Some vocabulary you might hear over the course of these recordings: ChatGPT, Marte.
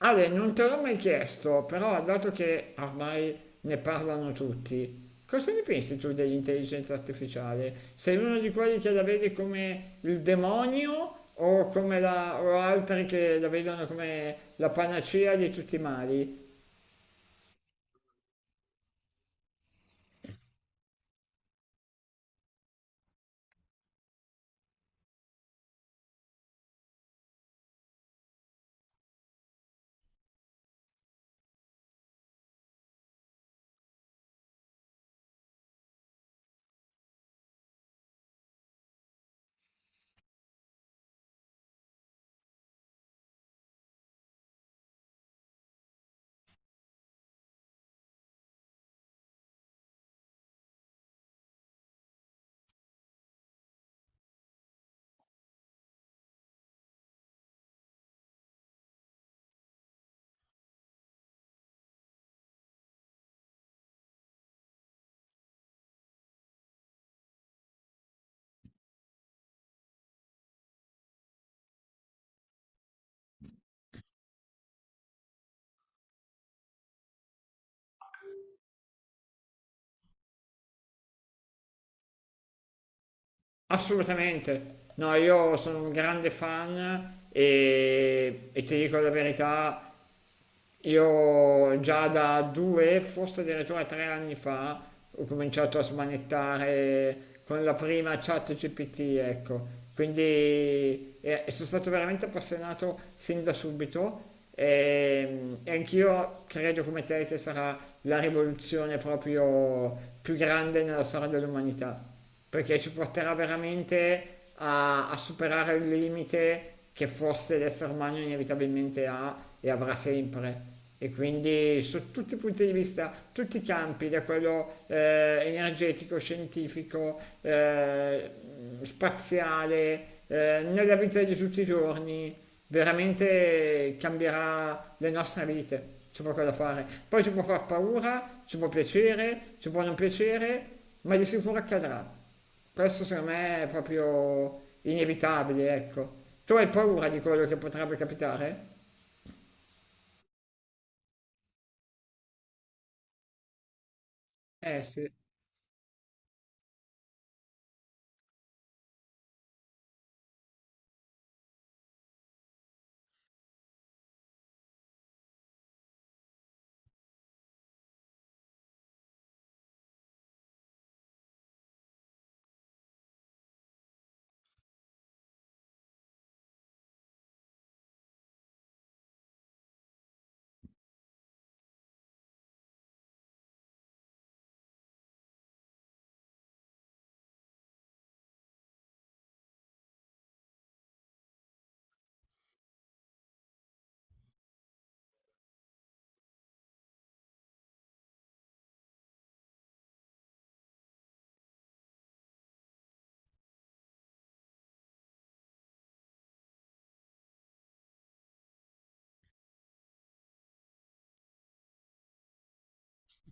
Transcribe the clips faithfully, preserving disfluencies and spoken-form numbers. Ale, non te l'ho mai chiesto, però dato che ormai ne parlano tutti, cosa ne pensi tu dell'intelligenza artificiale? Sei uno di quelli che la vede come il demonio o come la, o altri che la vedono come la panacea di tutti i mali? Assolutamente. No, io sono un grande fan e, e ti dico la verità, io già da due, forse addirittura tre anni fa, ho cominciato a smanettare con la prima chat gi pi ti, ecco. Quindi eh, sono stato veramente appassionato sin da subito e, e anch'io credo come te che sarà la rivoluzione proprio più grande nella storia dell'umanità, perché ci porterà veramente a, a superare il limite che forse l'essere umano inevitabilmente ha e avrà sempre. E quindi su tutti i punti di vista, tutti i campi, da quello eh, energetico, scientifico, eh, spaziale, eh, nella vita di tutti i giorni, veramente cambierà le nostre vite, c'è poco da fare. Poi ci può far paura, ci può piacere, ci può non piacere, ma di sicuro accadrà. Questo secondo me è proprio inevitabile, ecco. Tu hai paura di quello che potrebbe capitare? Eh sì.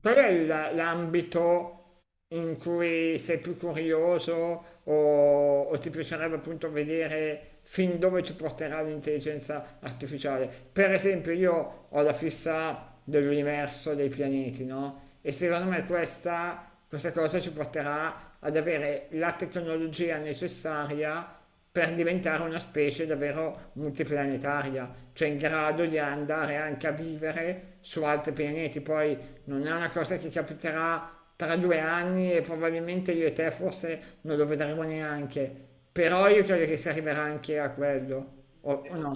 Qual è il- l'ambito in cui sei più curioso o, o ti piacerebbe appunto vedere fin dove ci porterà l'intelligenza artificiale? Per esempio, io ho la fissa dell'universo dei pianeti, no? E secondo me questa, questa cosa ci porterà ad avere la tecnologia necessaria per diventare una specie davvero multiplanetaria, cioè in grado di andare anche a vivere su altri pianeti. Poi non è una cosa che capiterà tra due anni e probabilmente io e te forse non lo vedremo neanche. Però io credo che si arriverà anche a quello, o, o no?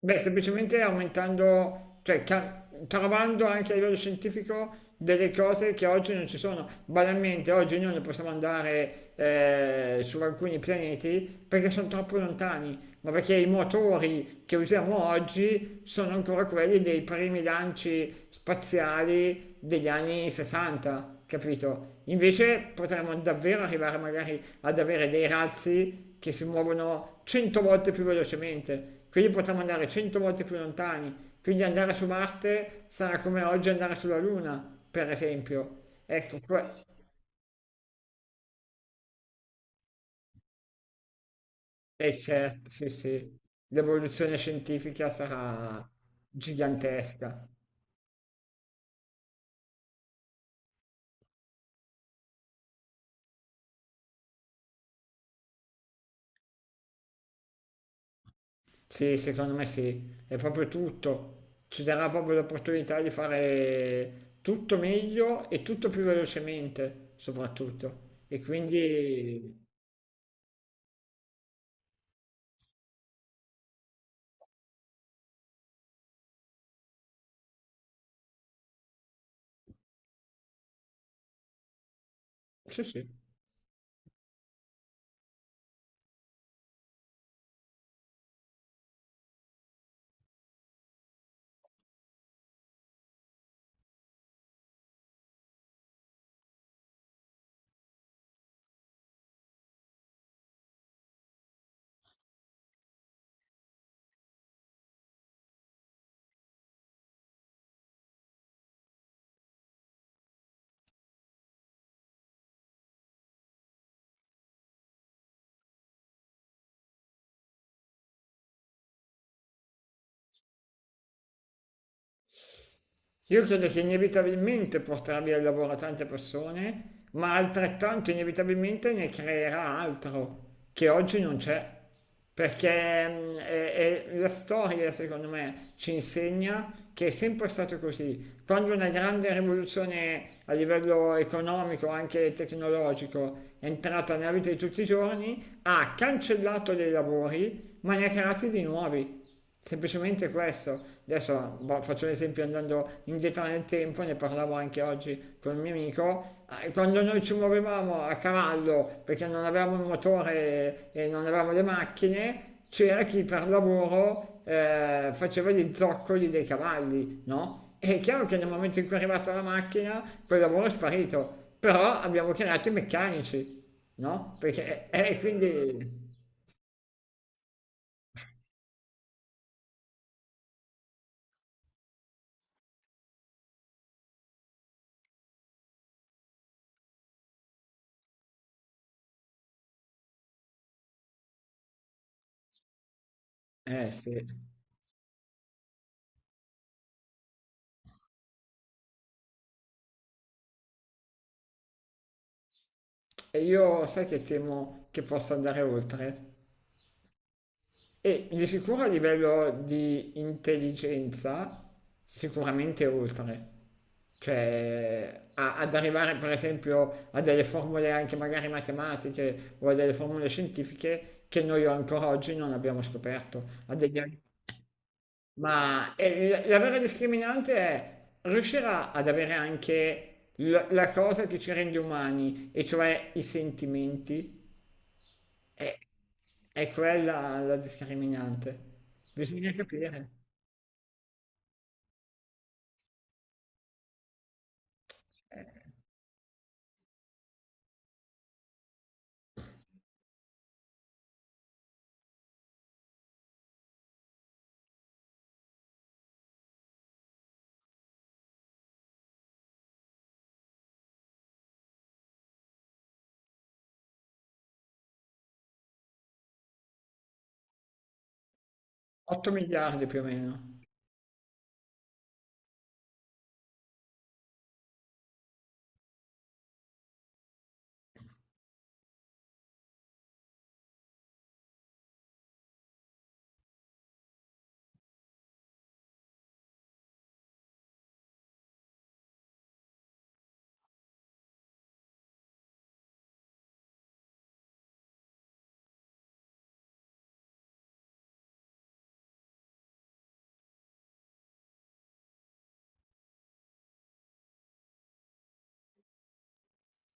Beh, semplicemente aumentando, cioè ca- trovando anche a livello scientifico delle cose che oggi non ci sono. Banalmente, oggi noi non possiamo andare eh, su alcuni pianeti perché sono troppo lontani, ma perché i motori che usiamo oggi sono ancora quelli dei primi lanci spaziali degli anni sessanta, capito? Invece potremmo davvero arrivare magari ad avere dei razzi che si muovono cento volte più velocemente, quindi potremmo andare cento volte più lontani, quindi andare su Marte sarà come oggi andare sulla Luna, per esempio. Ecco, è certo, sì, sì, l'evoluzione scientifica sarà gigantesca. Sì, secondo me sì, è proprio tutto. Ci darà proprio l'opportunità di fare tutto meglio e tutto più velocemente, soprattutto. E quindi sì, sì. Io credo che inevitabilmente porterà via il lavoro a tante persone, ma altrettanto inevitabilmente ne creerà altro che oggi non c'è. Perché mm, è- è- la storia, secondo me, ci insegna che è sempre stato così. Quando una grande rivoluzione a livello economico, anche tecnologico, è entrata nella vita di tutti i giorni, ha cancellato dei lavori, ma ne ha creati di nuovi. Semplicemente questo, adesso boh, faccio l'esempio andando indietro nel tempo, ne parlavo anche oggi con un mio amico, eh, quando noi ci muovevamo a cavallo perché non avevamo il motore e non avevamo le macchine, c'era chi per lavoro eh, faceva gli zoccoli dei cavalli, no? E è chiaro che nel momento in cui è arrivata la macchina, quel lavoro è sparito, però abbiamo creato i meccanici, no? Perché, eh, quindi... Eh sì. E io sai che temo che possa andare oltre. E di sicuro a livello di intelligenza, sicuramente oltre. Cioè, a- ad arrivare per esempio a delle formule anche magari matematiche o a delle formule scientifiche che noi ancora oggi non abbiamo scoperto. A degli- Ma eh, la la vera discriminante è riuscire a- ad avere anche la la cosa che ci rende umani, e cioè i sentimenti. È, è quella la discriminante. Bisogna capire. otto miliardi più o meno.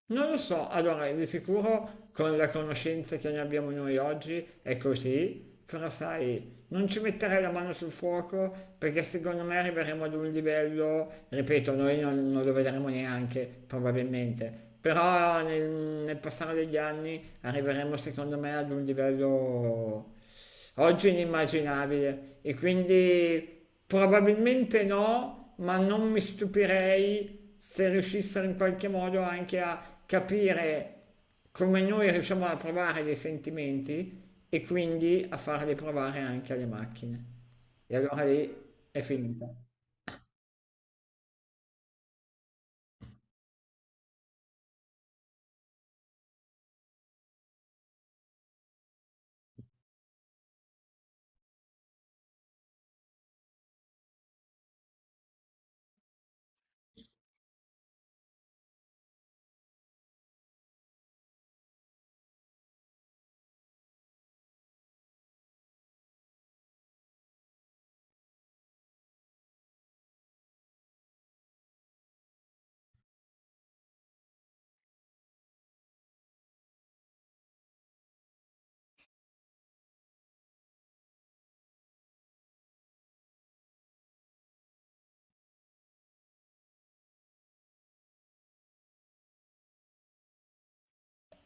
Non lo so, allora di sicuro con la conoscenza che ne abbiamo noi oggi è così, però sai, non ci metterei la mano sul fuoco perché secondo me arriveremo ad un livello, ripeto, noi non, non lo vedremo neanche probabilmente, però nel, nel passare degli anni arriveremo secondo me ad un livello. Oggi è inimmaginabile e quindi probabilmente no, ma non mi stupirei se riuscissero in qualche modo anche a capire come noi riusciamo a provare dei sentimenti e quindi a farli provare anche alle macchine. E allora lì è finita.